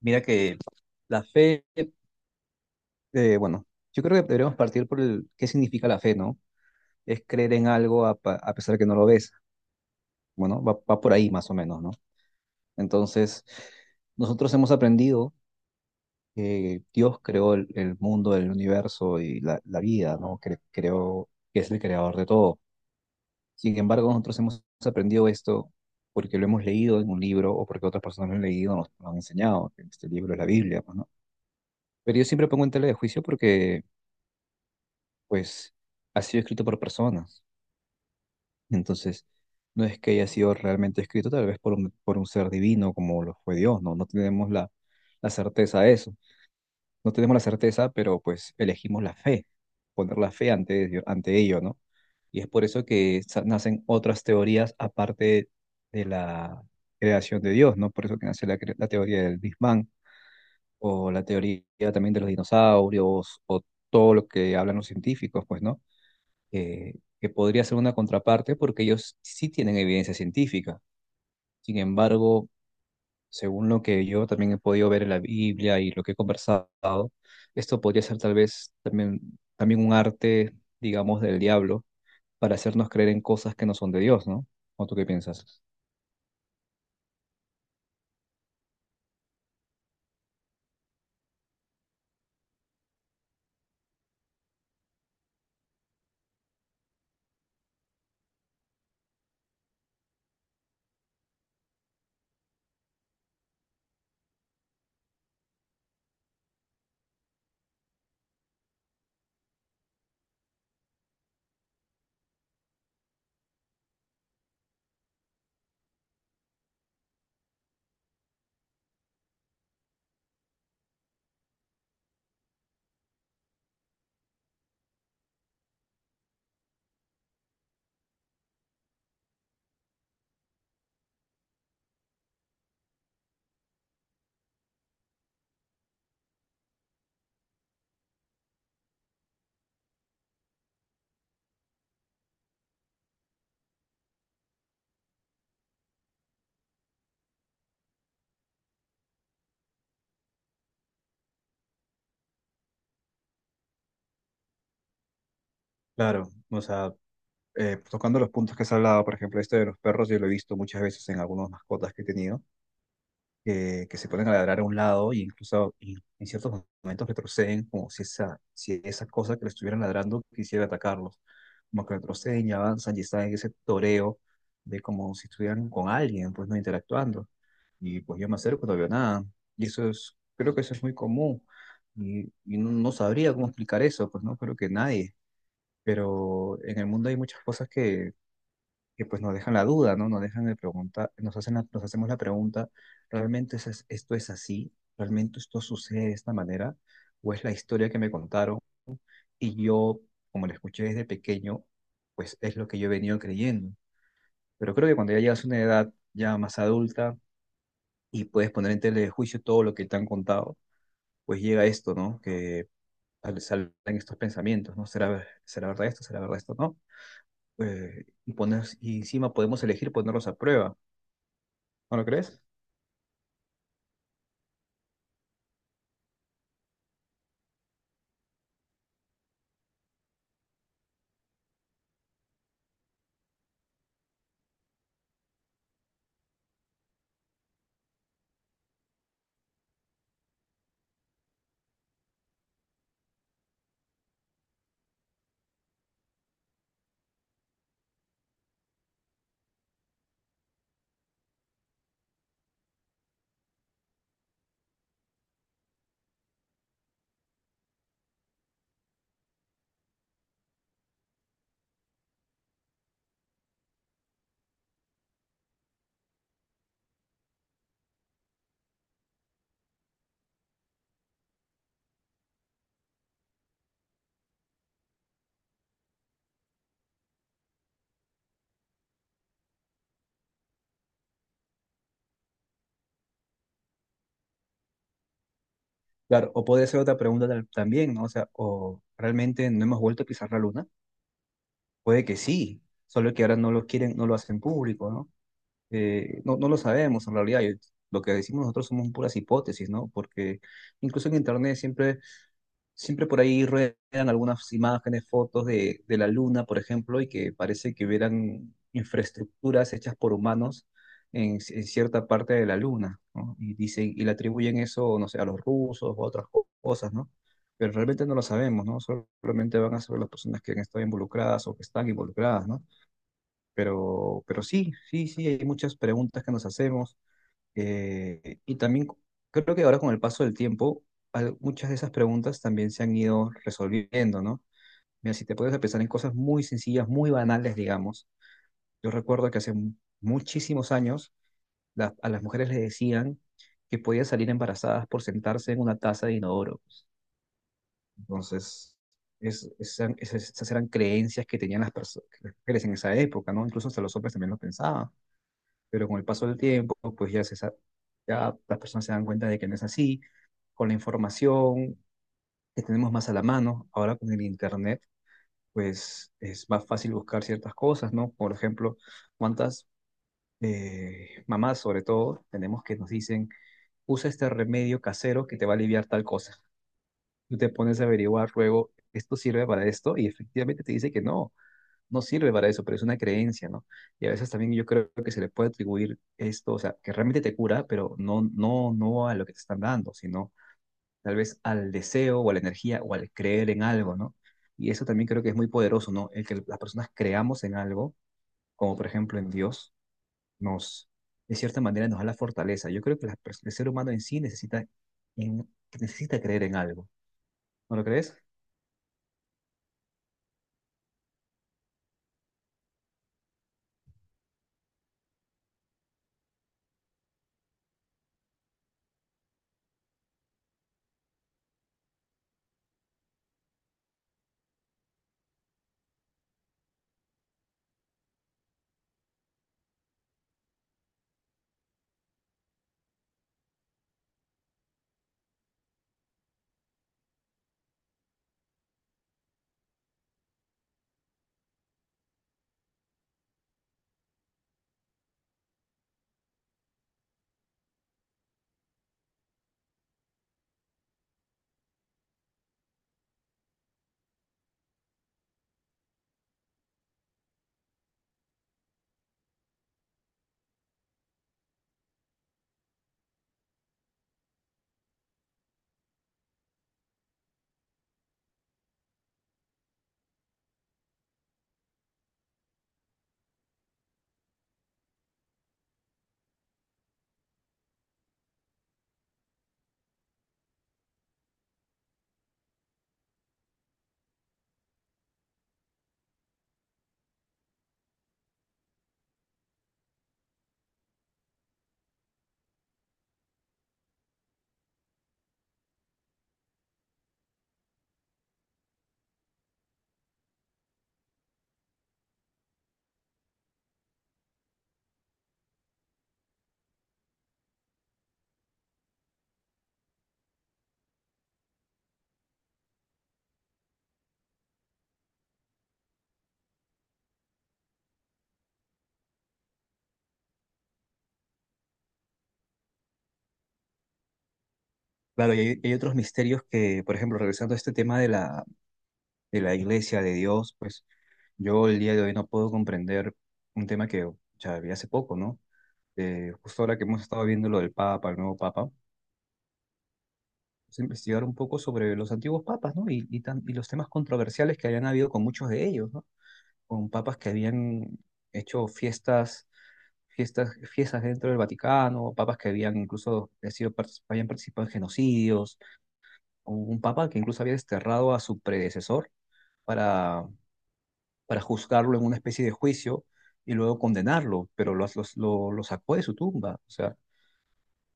Mira que la fe, bueno, yo creo que deberíamos partir por el qué significa la fe, ¿no? Es creer en algo a pesar de que no lo ves. Bueno, va por ahí más o menos, ¿no? Entonces, nosotros hemos aprendido que Dios creó el mundo, el universo y la vida, ¿no? Creó que es el creador de todo. Sin embargo, nosotros hemos aprendido esto porque lo hemos leído en un libro o porque otras personas lo han leído, nos han enseñado que este libro es la Biblia, pues, ¿no? Pero yo siempre pongo en tela de juicio porque pues ha sido escrito por personas. Entonces, no es que haya sido realmente escrito tal vez por un ser divino como lo fue Dios, ¿no? No tenemos la certeza de eso. No tenemos la certeza, pero pues elegimos la fe, poner la fe ante ello, ¿no? Y es por eso que nacen otras teorías aparte de la creación de Dios, ¿no? Por eso que nace la teoría del Big Bang o la teoría también de los dinosaurios o todo lo que hablan los científicos, pues, ¿no? eh, que podría ser una contraparte porque ellos sí tienen evidencia científica. Sin embargo, según lo que yo también he podido ver en la Biblia y lo que he conversado, esto podría ser tal vez también un arte, digamos, del diablo para hacernos creer en cosas que no son de Dios, ¿no? ¿O tú qué piensas? Claro, o sea, tocando los puntos que has hablado, por ejemplo, esto de los perros, yo lo he visto muchas veces en algunas mascotas que he tenido. Que se ponen a ladrar a un lado e incluso y en ciertos momentos retroceden como si esa cosa que le estuvieran ladrando quisiera atacarlos. Como que retroceden y avanzan y están en ese toreo de como si estuvieran con alguien, pues no interactuando. Y pues yo me acerco y no veo nada. Creo que eso es muy común. Y no sabría cómo explicar eso, pues no creo que nadie. Pero en el mundo hay muchas cosas que pues nos dejan la duda, ¿no? Nos dejan de preguntar, nos hacen nos hacemos la pregunta, ¿realmente es esto es así? ¿Realmente esto sucede de esta manera? ¿O es la historia que me contaron? Y yo, como la escuché desde pequeño, pues es lo que yo he venido creyendo. Pero creo que cuando ya llegas a una edad ya más adulta y puedes poner en tela de juicio todo lo que te han contado, pues llega esto, ¿no? Que salen estos pensamientos, ¿no? Será verdad esto? ¿Será verdad esto? ¿No? Y encima podemos elegir ponerlos a prueba, ¿no lo crees? Claro, o puede ser otra pregunta también, ¿no? O sea, ¿o realmente no hemos vuelto a pisar la Luna? Puede que sí, solo que ahora no lo quieren, no lo hacen público, ¿no? No lo sabemos en realidad. Yo Lo que decimos nosotros somos puras hipótesis, ¿no? Porque incluso en Internet siempre por ahí ruedan algunas imágenes, fotos de la Luna, por ejemplo, y que parece que hubieran infraestructuras hechas por humanos en cierta parte de la Luna, ¿no? Y dicen, y le atribuyen eso, no sé, a los rusos o a otras cosas, ¿no? Pero realmente no lo sabemos, ¿no? Solamente van a saber las personas que han estado involucradas o que están involucradas, ¿no? Pero sí, sí, sí, hay muchas preguntas que nos hacemos, y también creo que ahora con el paso del tiempo, muchas de esas preguntas también se han ido resolviendo, ¿no? Mira, si te puedes pensar en cosas muy sencillas, muy banales, digamos. Yo recuerdo que hace muchísimos años a las mujeres les decían que podían salir embarazadas por sentarse en una taza de inodoro. Entonces, esas eran creencias que tenían las mujeres en esa época, ¿no? Incluso hasta los hombres también lo pensaban. Pero con el paso del tiempo, pues ya, ya las personas se dan cuenta de que no es así, con la información que tenemos más a la mano, ahora con el Internet, pues es más fácil buscar ciertas cosas, ¿no? Por ejemplo, cuántas mamás, sobre todo, tenemos que nos dicen, usa este remedio casero que te va a aliviar tal cosa. Tú te pones a averiguar luego, ¿esto sirve para esto? Y efectivamente te dice que no, no sirve para eso, pero es una creencia, ¿no? Y a veces también yo creo que se le puede atribuir esto, o sea, que realmente te cura, pero no, no, no a lo que te están dando, sino tal vez al deseo o a la energía o al creer en algo, ¿no? Y eso también creo que es muy poderoso, ¿no? El que las personas creamos en algo, como por ejemplo en Dios, nos, de cierta manera, nos da la fortaleza. Yo creo que el ser humano en sí necesita, en- necesita creer en algo, ¿no lo crees? Claro, y hay, otros misterios que, por ejemplo, regresando a este tema de la iglesia, de Dios, pues yo el día de hoy no puedo comprender un tema que ya vi hace poco, ¿no? Justo ahora que hemos estado viendo lo del Papa, el nuevo Papa, pues investigar un poco sobre los antiguos papas, ¿no? Y los temas controversiales que habían habido con muchos de ellos, ¿no? Con papas que habían hecho fiestas, fiestas, fiestas dentro del Vaticano, papas que habían incluso habían participado en genocidios, un papa que incluso había desterrado a su predecesor para para juzgarlo en una especie de juicio y luego condenarlo, pero lo sacó de su tumba. O sea,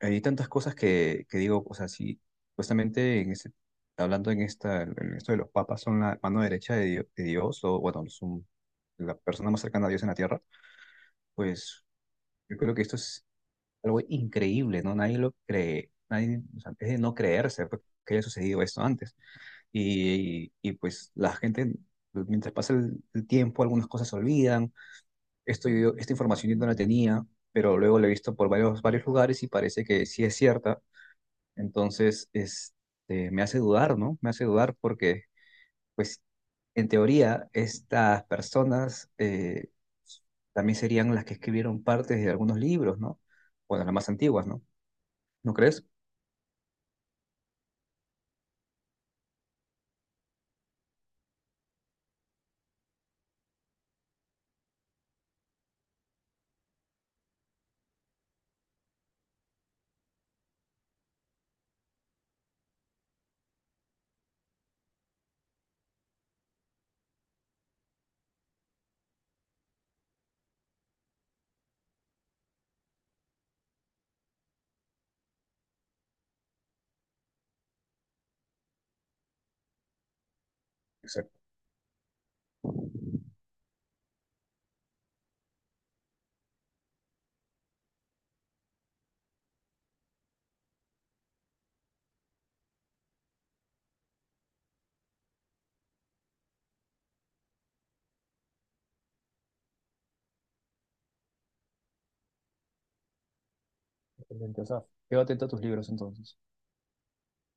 hay tantas cosas que digo, o sea, sí, justamente hablando en esto de los papas son la mano derecha de Dios, o bueno, son la persona más cercana a Dios en la Tierra, pues yo creo que esto es algo increíble, ¿no? Nadie lo cree, nadie, o sea, es de no creerse pues, que haya sucedido esto antes. Pues la gente, mientras pasa el tiempo, algunas cosas se olvidan. Esta información yo no la tenía, pero luego la he visto por varios, varios lugares y parece que sí es cierta. Entonces, me hace dudar, ¿no? Me hace dudar porque, pues, en teoría, estas personas, también serían las que escribieron partes de algunos libros, ¿no? Bueno, las más antiguas, ¿no? ¿No crees? Exactamente. O sea, quédate atento a tus libros entonces.